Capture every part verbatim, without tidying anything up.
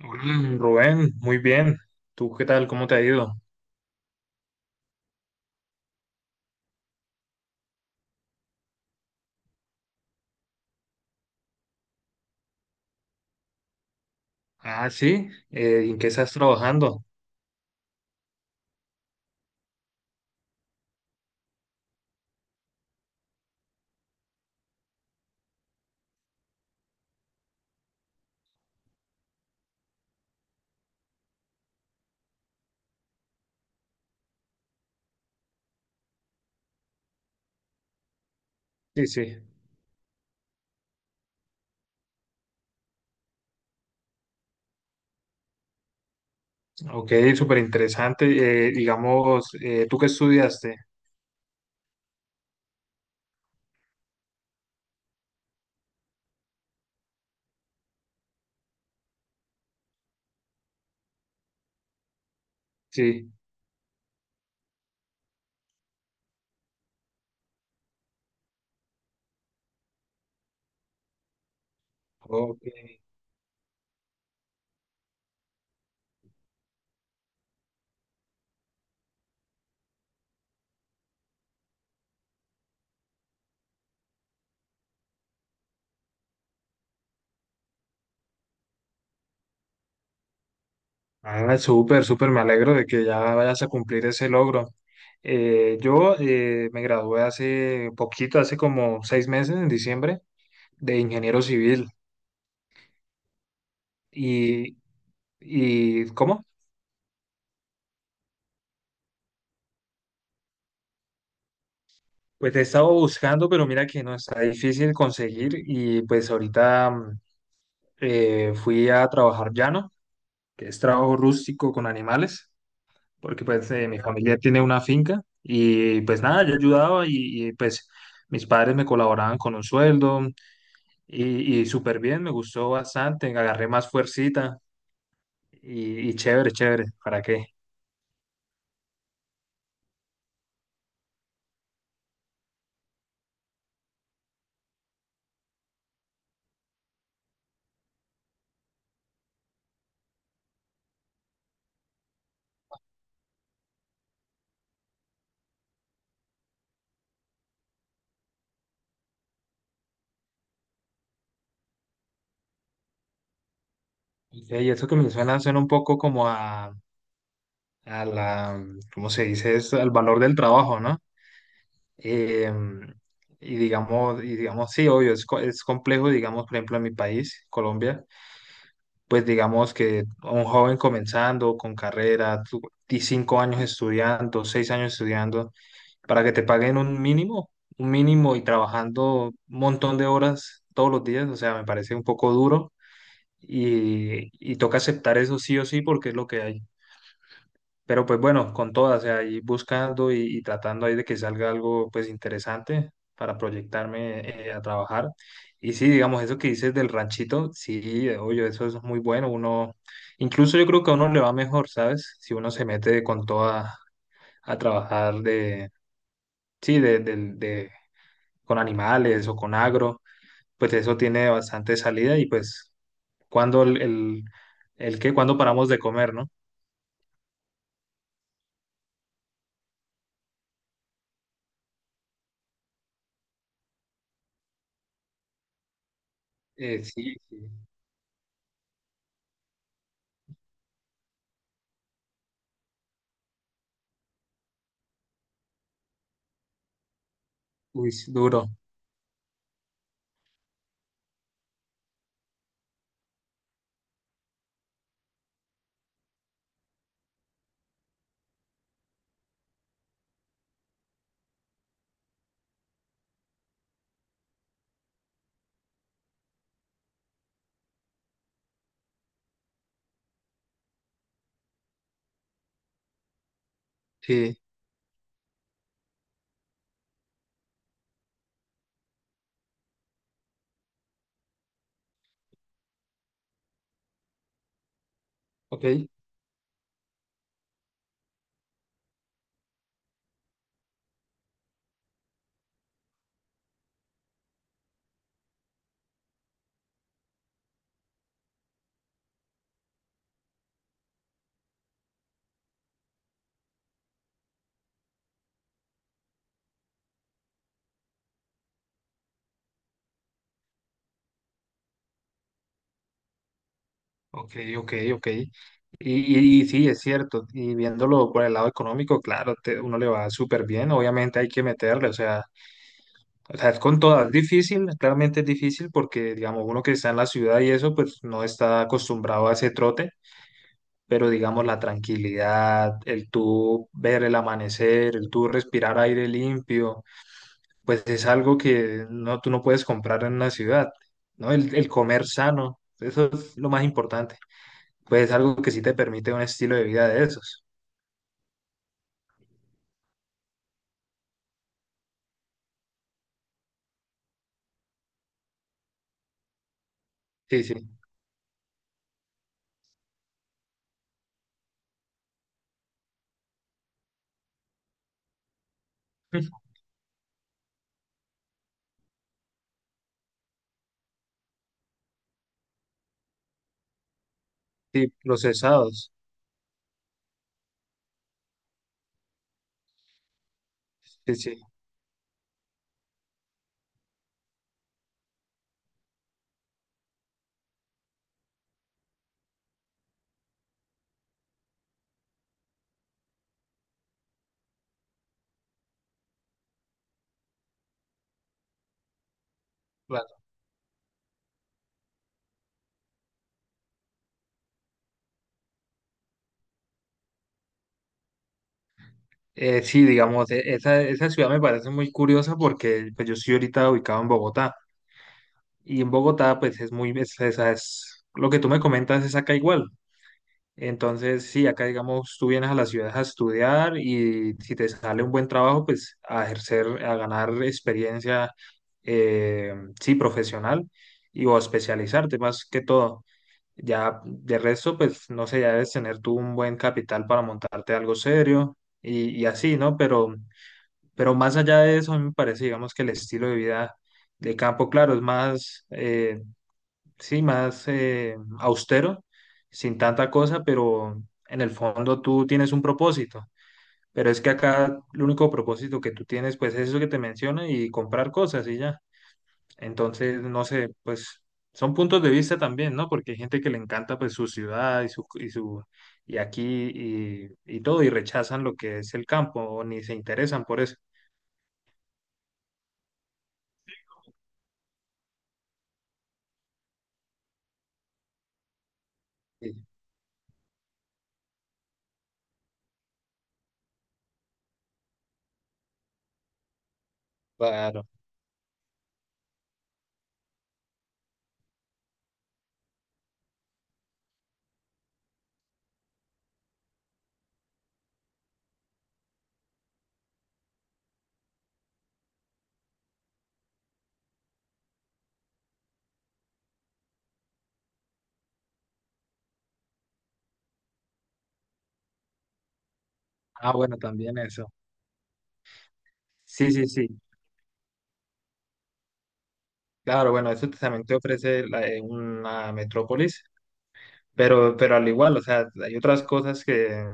Mm, Rubén, muy bien. ¿Tú qué tal? ¿Cómo te ha ido? Ah, sí. Eh, ¿en qué estás trabajando? Sí, sí. Ok, súper interesante. Eh, digamos, eh, ¿tú qué estudiaste? Sí. Ok. Ah, súper, súper. Me alegro de que ya vayas a cumplir ese logro. Eh, yo eh, me gradué hace poquito, hace como seis meses, en diciembre, de ingeniero civil. Y, y ¿cómo? Pues he estado buscando, pero mira que no está difícil conseguir y pues ahorita mm, eh, fui a trabajar llano, que es trabajo rústico con animales, porque pues eh, mi familia tiene una finca y pues nada, yo ayudaba y, y, pues mis padres me colaboraban con un sueldo y, y súper bien, me gustó bastante, agarré más fuercita y, y chévere, chévere, ¿para qué? Y hey, eso que me suena, suena un poco como a, a la, ¿cómo se dice? Es al valor del trabajo, ¿no? Eh, y digamos, y digamos, sí, obvio, es, co- es complejo, digamos, por ejemplo, en mi país, Colombia, pues digamos que un joven comenzando con carrera, tú- ti- cinco años estudiando, seis años estudiando, para que te paguen un mínimo, un mínimo y trabajando un montón de horas todos los días, o sea, me parece un poco duro y, y toca aceptar eso sí o sí porque es lo que hay. Pero pues bueno, con todas, o sea, ahí buscando y, y tratando ahí de que salga algo pues interesante para proyectarme eh, a trabajar. Y sí, digamos, eso que dices del ranchito, sí, eh, oye, eso es muy bueno. Uno, incluso yo creo que a uno le va mejor, ¿sabes? Si uno se mete con toda a trabajar de, sí, de, del- de- con animales o con agro, pues eso tiene bastante salida y pues cuando el, el, el qué, cuando paramos de comer, ¿no? Eh, sí, sí. Uy, duro. Sí. Ok. Ok, ok, ok. Y, y- y sí, es cierto. Y viéndolo por el lado económico, claro, te- uno le va súper bien. Obviamente hay que meterle, o sea, o sea, es con todas. Es difícil, claramente es difícil porque, digamos, uno que está en la ciudad y eso, pues no está acostumbrado a ese trote. Pero, digamos, la tranquilidad, el tú ver el amanecer, el tú respirar aire limpio, pues es algo que no, tú no puedes comprar en una ciudad, ¿no? El, el comer sano, eso es lo más importante pues algo que sí te permite un estilo de vida de esos. Sí, sí. Sí, procesados. Sí, sí, claro. Eh, sí, digamos, e- esa, esa ciudad me parece muy curiosa porque pues, yo estoy ahorita ubicado en Bogotá y en Bogotá pues es muy, es- esa es, lo que tú me comentas es acá igual. Entonces, sí, acá digamos, tú vienes a la ciudad a estudiar y si te sale un buen trabajo, pues a ejercer, a ganar experiencia, eh, sí, profesional y o a especializarte más que todo. Ya de resto, pues no sé, ya debes tener tú un buen capital para montarte algo serio y, y así, ¿no? Pero, pero más allá de eso, a mí me parece, digamos, que el estilo de vida de campo, claro, es más, eh, sí, más eh, austero, sin tanta cosa, pero en el fondo tú tienes un propósito. Pero es que acá el único propósito que tú tienes, pues es eso que te menciono y comprar cosas y ya. Entonces, no sé, pues son puntos de vista también, ¿no? Porque hay gente que le encanta pues su ciudad y su y su y aquí y, y todo y rechazan lo que es el campo o ni se interesan por eso. Sí, claro. Ah, bueno, también eso. Sí, sí, sí. Claro, bueno, eso también te ofrece la- eh, una metrópolis, pero pero al igual, o sea, hay otras cosas que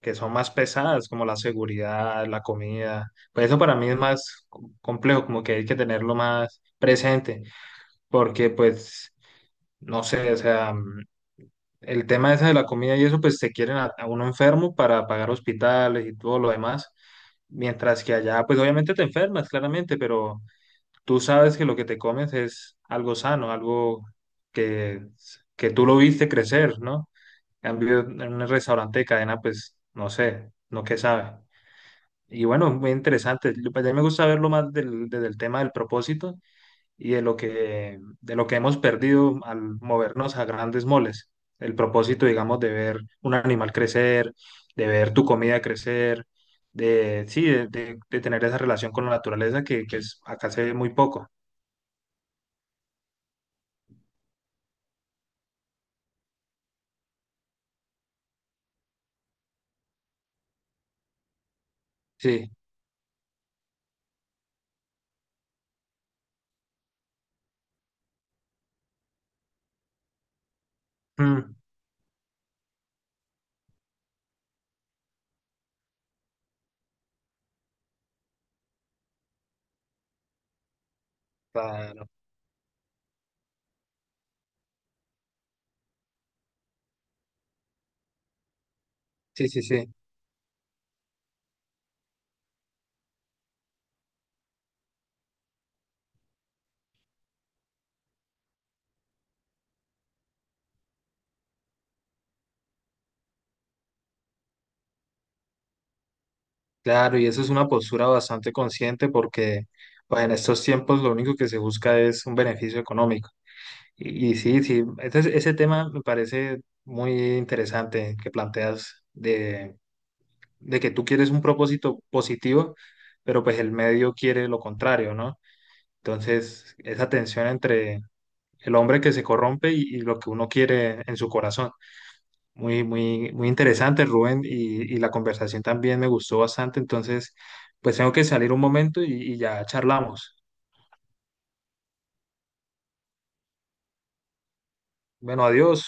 que son más pesadas, como la seguridad, la comida. Pues eso para mí es más co- complejo, como que hay que tenerlo más presente. Porque pues, no sé, o sea, mm, el tema ese de la comida y eso, pues te quieren a, a uno enfermo para pagar hospitales y todo lo demás, mientras que allá, pues obviamente te enfermas, claramente, pero tú sabes que lo que te comes es algo sano, algo que, que tú lo viste crecer, ¿no? En cambio, en un restaurante de cadena, pues, no sé, no qué sabe. Y bueno, muy interesante. Yo- pues, a mí me gusta verlo más del, desde el tema del propósito y de lo que, de lo que hemos perdido al movernos a grandes moles. El propósito, digamos, de ver un animal crecer, de ver tu comida crecer, de, sí, de, de- de tener esa relación con la naturaleza que, que es- acá se ve muy poco. Sí, mm, claro, sí, sí, sí, claro, y eso es una postura bastante consciente porque, pues, en estos tiempos lo único que se busca es un beneficio económico. Y, y sí, sí, ese, ese tema me parece muy interesante que planteas de de que tú quieres un propósito positivo, pero pues el medio quiere lo contrario, ¿no? Entonces, esa tensión entre el hombre que se corrompe y, y lo que uno quiere en su corazón. Muy, muy, muy interesante, Rubén, y, y la conversación también me gustó bastante. Entonces, pues tengo que salir un momento y, y ya charlamos. Bueno, adiós.